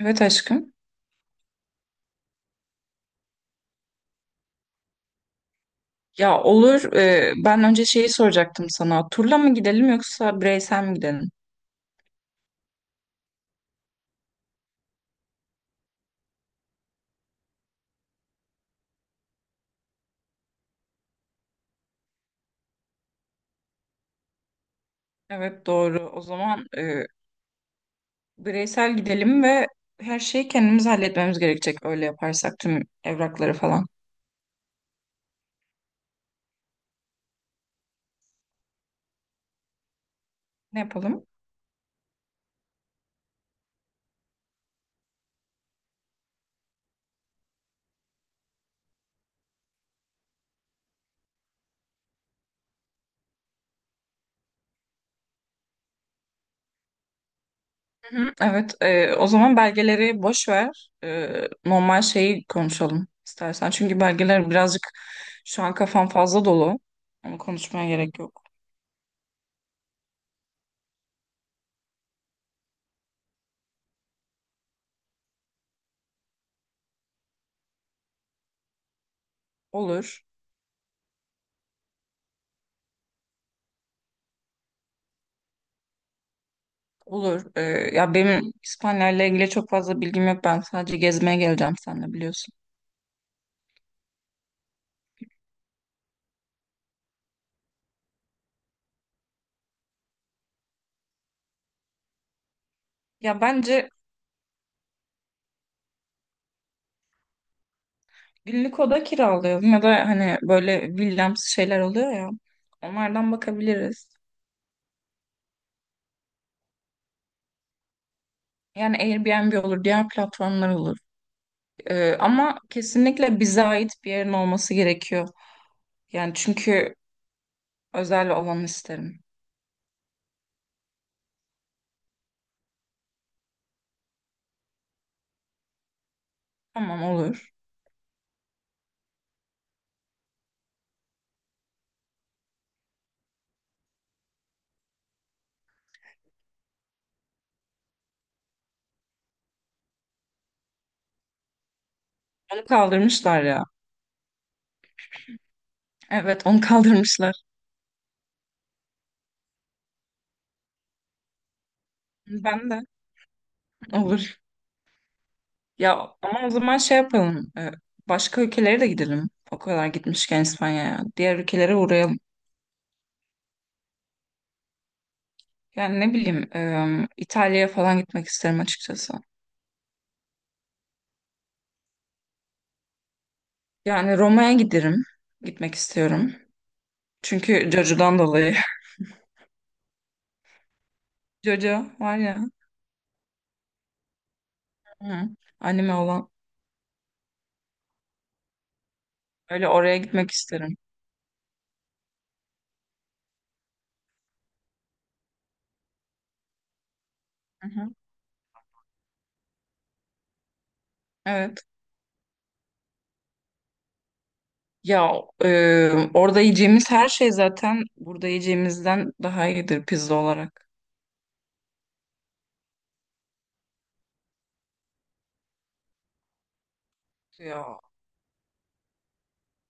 Evet aşkım. Ya olur. Ben önce şeyi soracaktım sana. Turla mı gidelim yoksa bireysel mi gidelim? Evet doğru. O zaman bireysel gidelim ve her şeyi kendimiz halletmemiz gerekecek. Öyle yaparsak tüm evrakları falan. Ne yapalım? Hı hı. Evet. O zaman belgeleri boş ver. Normal şeyi konuşalım istersen. Çünkü belgeler birazcık şu an kafam fazla dolu. Onu konuşmaya gerek yok. Olur. Olur. Ya benim İspanya'yla ilgili çok fazla bilgim yok. Ben sadece gezmeye geleceğim seninle biliyorsun. Ya bence günlük oda kiralayalım ya da hani böyle villamsı şeyler oluyor ya. Onlardan bakabiliriz. Yani Airbnb olur, diğer platformlar olur. Ama kesinlikle bize ait bir yerin olması gerekiyor. Yani çünkü özel olanı isterim. Tamam olur. Onu kaldırmışlar ya. Evet, onu kaldırmışlar. Ben de. Olur. Ya ama o zaman şey yapalım. Başka ülkelere de gidelim. O kadar gitmişken İspanya'ya. Diğer ülkelere uğrayalım. Yani ne bileyim, İtalya'ya falan gitmek isterim açıkçası. Yani Roma'ya giderim. Gitmek istiyorum. Çünkü Jojo'dan dolayı. Jojo var ya. Hı. Anime olan. Öyle oraya gitmek isterim. Hı hı. Evet. Ya orada yiyeceğimiz her şey zaten burada yiyeceğimizden daha iyidir pizza olarak. Ya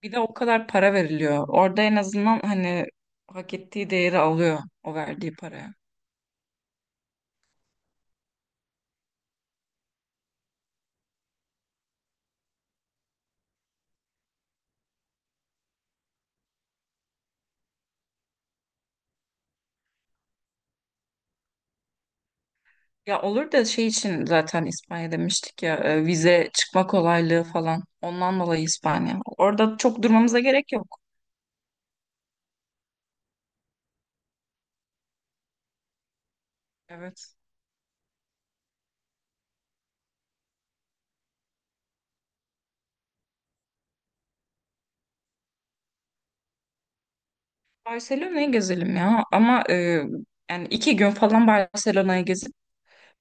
bir de o kadar para veriliyor. Orada en azından hani hak ettiği değeri alıyor o verdiği paraya. Ya olur da şey için zaten İspanya demiştik ya vize çıkma kolaylığı falan. Ondan dolayı İspanya. Orada çok durmamıza gerek yok. Evet. Barcelona'yı gezelim ya ama yani iki gün falan Barcelona'yı gezip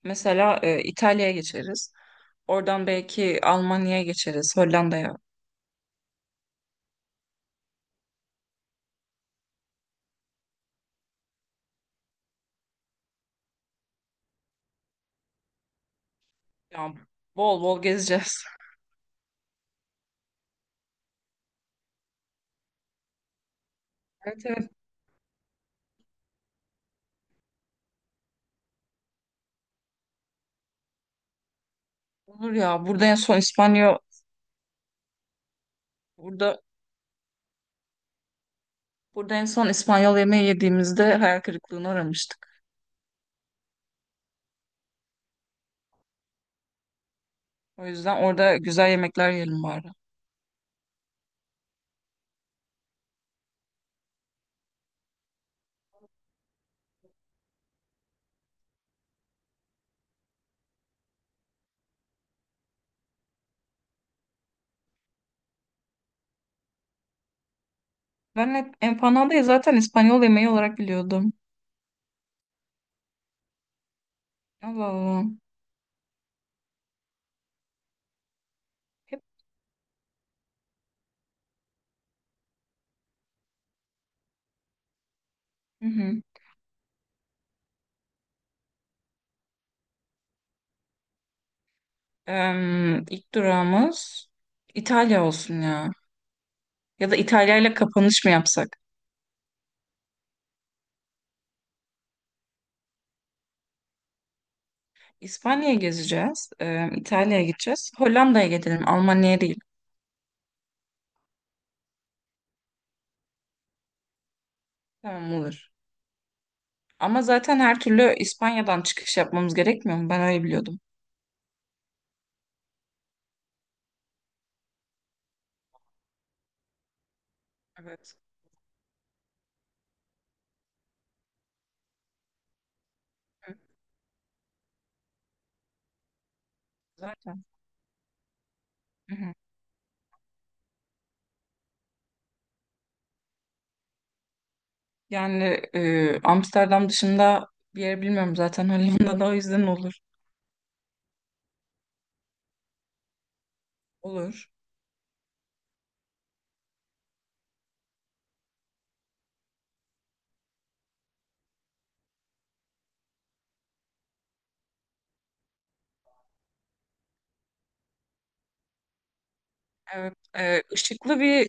mesela İtalya'ya geçeriz. Oradan belki Almanya'ya geçeriz, Hollanda'ya. Ya bol bol gezeceğiz. Evet evet olur ya. Burada Burada en son İspanyol yemeği yediğimizde hayal kırıklığına uğramıştık. O yüzden orada güzel yemekler yiyelim bari. Ben hep empanadayı zaten İspanyol yemeği olarak biliyordum. Allah Allah. Hep... Hı hı. İlk durağımız İtalya olsun ya. Ya da İtalya ile kapanış mı yapsak? İspanya'ya gezeceğiz. İtalya'ya gideceğiz. Hollanda'ya gidelim. Almanya'ya değil. Tamam olur. Ama zaten her türlü İspanya'dan çıkış yapmamız gerekmiyor mu? Ben öyle biliyordum. Evet. Hı, zaten. Yani Amsterdam dışında bir yer bilmiyorum zaten Hollanda'da o yüzden olur. Olur. Evet.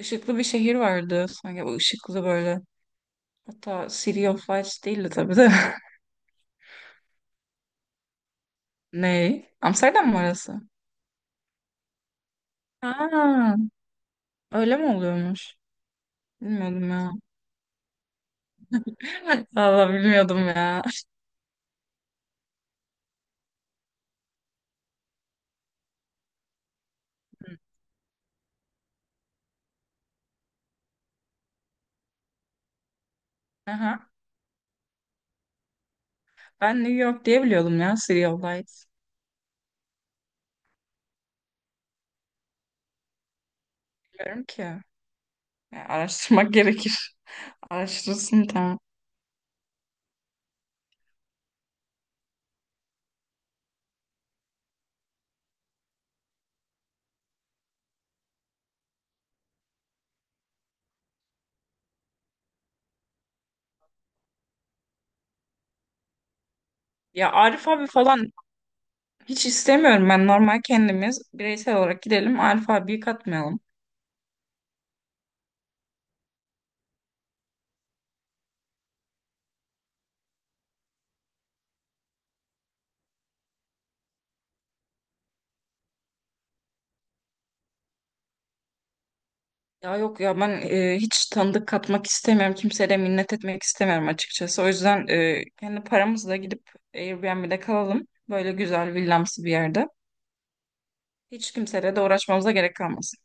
Işıklı bir şehir vardı. Sanki bu ışıklı böyle. Hatta City of Lights değildi tabii de. Ne? Amsterdam mı orası? Ha, öyle mi oluyormuş? Bilmiyordum ya. Valla bilmiyordum ya. Aha. Ben New York diye biliyordum ya City of Lights. Bilmiyorum ki. Ya, araştırmak gerekir. Araştırırsın tamam. Ya Arif abi falan Hiç istemiyorum, ben normal kendimiz bireysel olarak gidelim, Arif katmayalım. Ya yok ya, ben hiç tanıdık katmak istemiyorum. Kimseye de minnet etmek istemiyorum açıkçası. O yüzden kendi paramızla gidip Airbnb'de kalalım. Böyle güzel villamsı bir yerde. Hiç kimseyle de uğraşmamıza gerek kalmasın.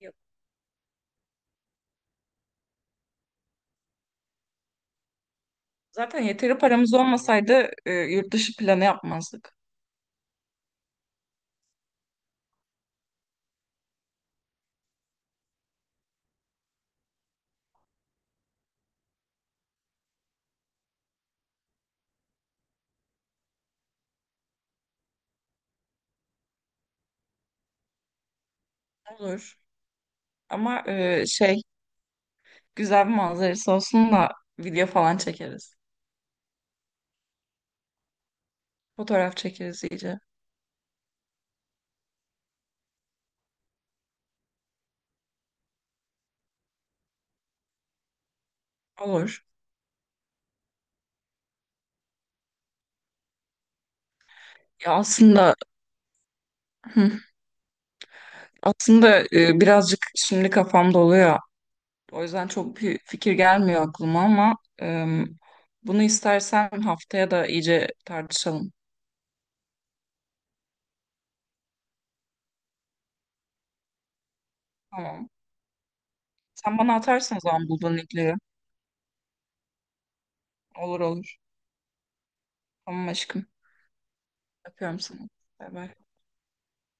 Yok. Zaten yeteri paramız olmasaydı yurt dışı planı yapmazdık. Olur. Ama güzel bir manzarası olsun da video falan çekeriz. Fotoğraf çekeriz iyice. Olur. Ya aslında Hı. Aslında birazcık şimdi kafamda oluyor. O yüzden çok bir fikir gelmiyor aklıma ama e, bunu istersen haftaya da iyice tartışalım. Tamam. Sen bana atarsın o zaman bulduğun linkleri. Olur olur. Tamam aşkım. Öpüyorum seni. Bay bay.